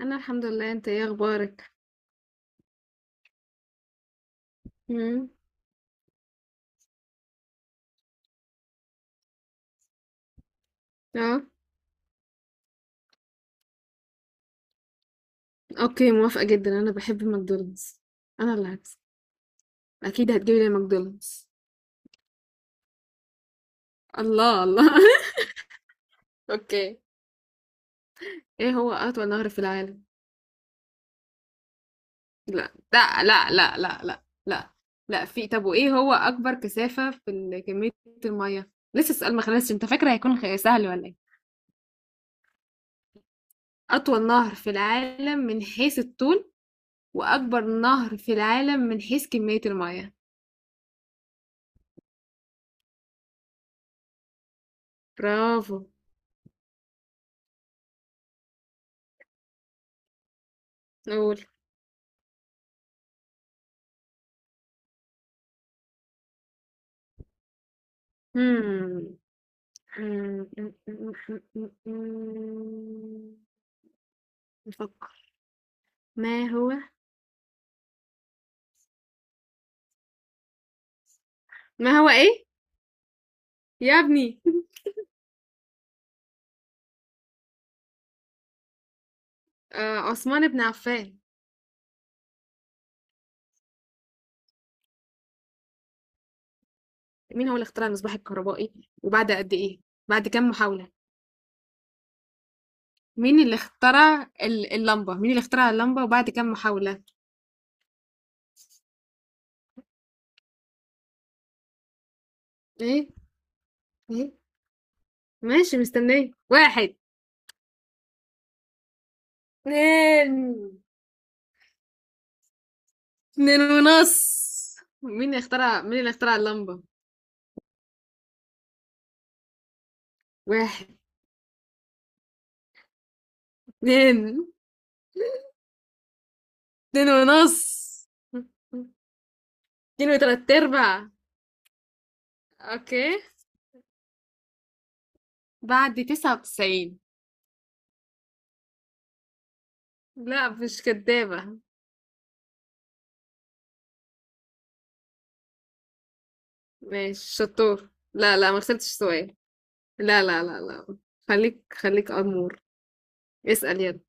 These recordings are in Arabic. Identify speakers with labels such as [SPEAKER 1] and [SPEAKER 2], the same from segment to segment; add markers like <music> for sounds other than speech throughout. [SPEAKER 1] انا الحمد لله، انت ايه اخبارك؟ امم. اه. اوكي، موافقة جدا، انا بحب ماكدونالدز. انا اللي هكسب. اكيد هتجيب لي ماكدونالدز. الله الله. <laughs> اوكي. ايه هو اطول نهر في العالم؟ لا، لا، لا، لا، لا، لا، لا. لا، في طب، وايه هو اكبر كثافة في كمية المية. لسه السؤال ما خلصش، انت فاكرة هيكون سهل ولا ايه؟ اطول نهر في العالم من حيث الطول، واكبر نهر في العالم من حيث كمية المية. برافو. قول. مم. آمم، إمم، إمم، إمم، إمم، إمم، نفكر. ما هو. ما هو إيه؟ يا ابني. عثمان بن عفان. مين هو اللي اخترع المصباح الكهربائي وبعد قد إيه؟ بعد كام محاولة؟ مين اللي اخترع اللمبة؟ مين اللي اخترع اللمبة وبعد كام محاولة؟ إيه؟ إيه؟ ماشي، مستنية. 1، 2، 2 ونص. مين اللي اخترع اللمبة؟ 1، 2، 2 ونص، اتنين وتلات ارباع. اوكي. بعد 99. لا، مش كدابة. ماشي، شطور. لا، لا، ما خسرتش سؤال. لا، لا، لا، لا. خليك، خليك أمور. اسأل، يلا.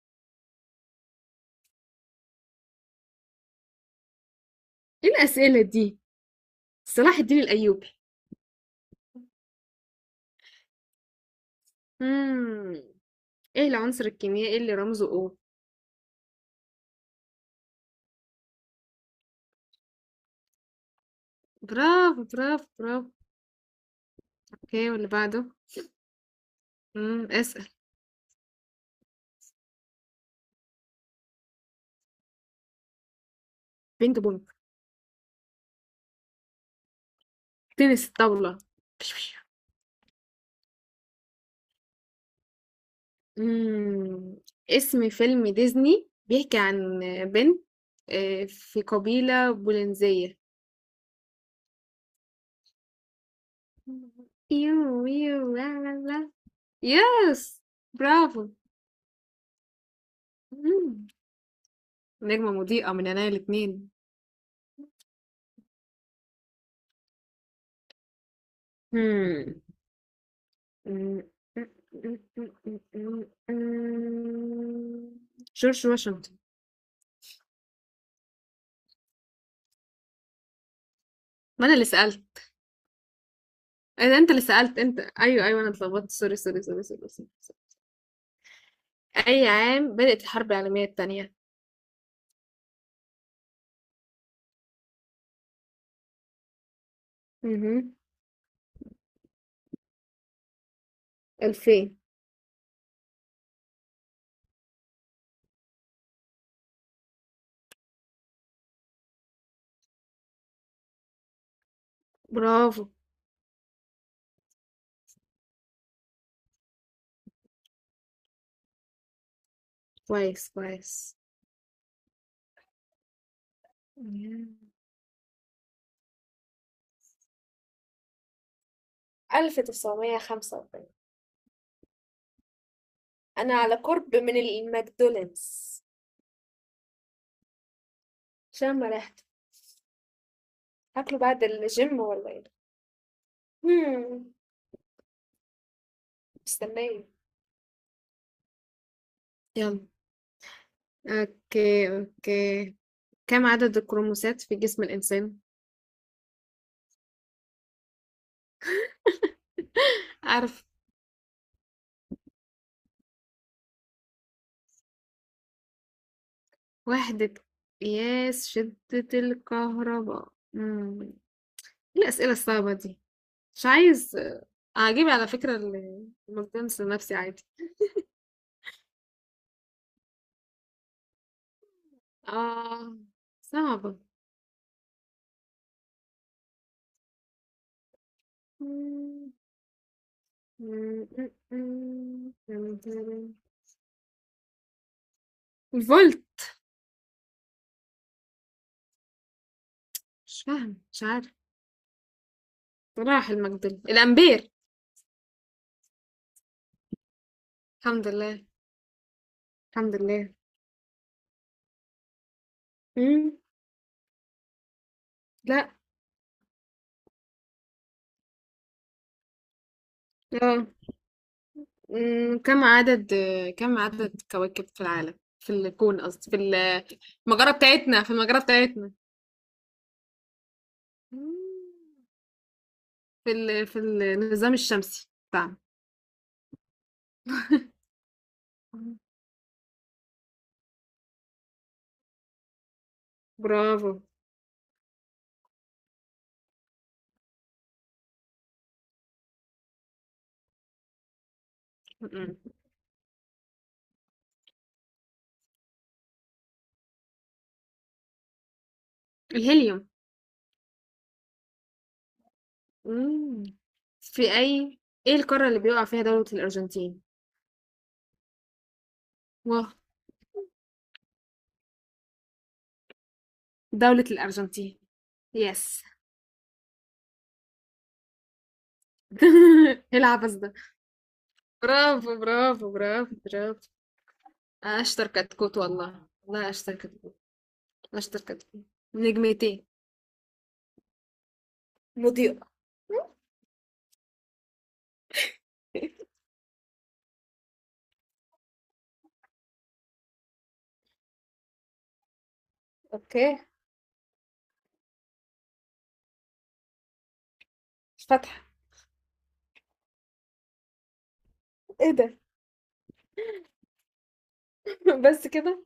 [SPEAKER 1] ايه الأسئلة دي؟ صلاح الدين الأيوبي. مم. ايه العنصر الكيميائي اللي رمزه O؟ برافو، برافو، برافو. اوكي، واللي بعده. مم. اسأل. بينج بونج. تنس الطاولة. إمم. اسم فيلم ديزني بيحكي عن بنت في قبيلة بولنزية. يو، يو، لا، لا، لا. يس. برافو. إمم. نجمة مضيئة من عينيا الاتنين. همم. إمم. جورج واشنطن. ما أنا اللي سألت. إيه ده، أنت اللي سألت، أنت. أيوه، أيوه، أنا اتلخبطت. sorry، sorry، sorry، sorry، sorry، sorry. أي عام بدأت الحرب العالمية التانية؟ اهم. 2000. برافو. كويس، كويس. مم. 1945. أنا على قرب من الماكدونالدز. عشان ما رحت. هاكله بعد الجيم ولا إيه؟ مم. مستنية. يلا. اوكي، اوكي. كم عدد الكروموسات في جسم الإنسان؟ أعرف. وحدة قياس شدة الكهرباء. مم. إيه الأسئلة الصعبة دي؟ مش عايز أجيب. على فكرة، الماكدونالدز لنفسي عادي. آه، صعبة. الفولت. مش فاهم، مش عارف. راح المجدل، الامبير. الحمد لله. الحمد لله. مم. لا. اه. مم. كم عدد كواكب في العالم، في الكون قصدي، في المجرة بتاعتنا. مم. في النظام الشمسي بتاعنا. مم. برافو. مم. الهيليوم. مم. في اي ايه القارة اللي بيقع فيها دولة الأرجنتين؟ واه! دولة الأرجنتين. يس. <laughs> إيه العبث ده؟ <laughs> برافو، برافو، برافو، برافو. أشطر كتكوت، والله، والله، أشطر كتكوت. أشطر كتكوت. نجمتين. مضيئة. اوكي. مش فاتحة؟ ايه ده؟ <laughs> بس كده.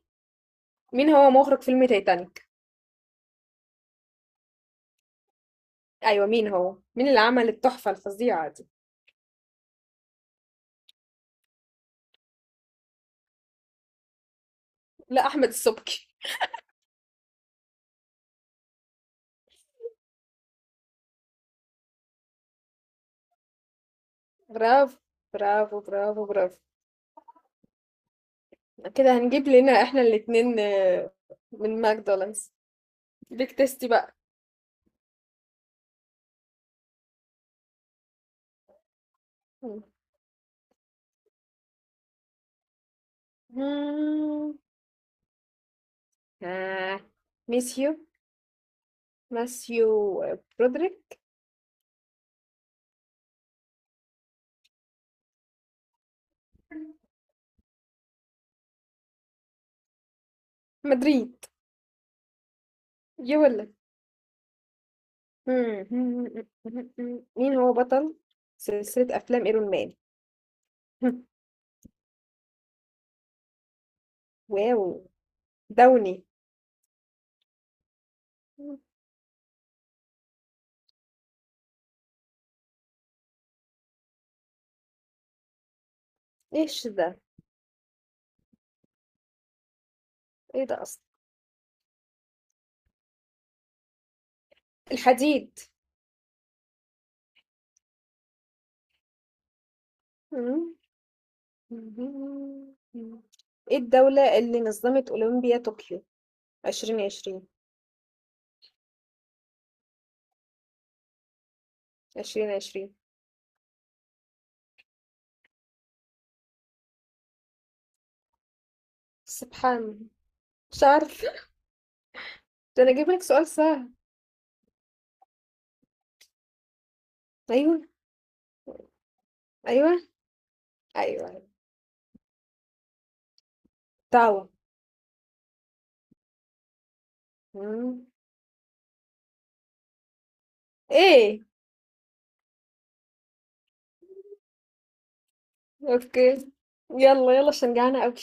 [SPEAKER 1] مين هو مخرج فيلم تايتانيك؟ ايوه، مين اللي عمل التحفة الفظيعة دي؟ لا، احمد السبكي. برافو، برافو، برافو، برافو. كده هنجيب لنا احنا الاتنين من ماكدونالدز. بيك تيستي بقى. <laughs> آه. ميسيو ماسيو. برودريك. مدريد. يقول لك. <laughs> مين هو بطل سلسلة أفلام إيرون مان؟ <laughs> واو. داوني. إيش ده؟ إيه ده أصلا؟ الحديد. مم. إيه الدولة اللي نظمت أولمبيا طوكيو؟ 2020. 2020. سبحان. مش عارفة. ده أنا أجيب لك سؤال سهل. أيوه، أيوه، أيوه. دعوة. ايه؟ اوكي. يلا، يلا، عشان جعانة اوي.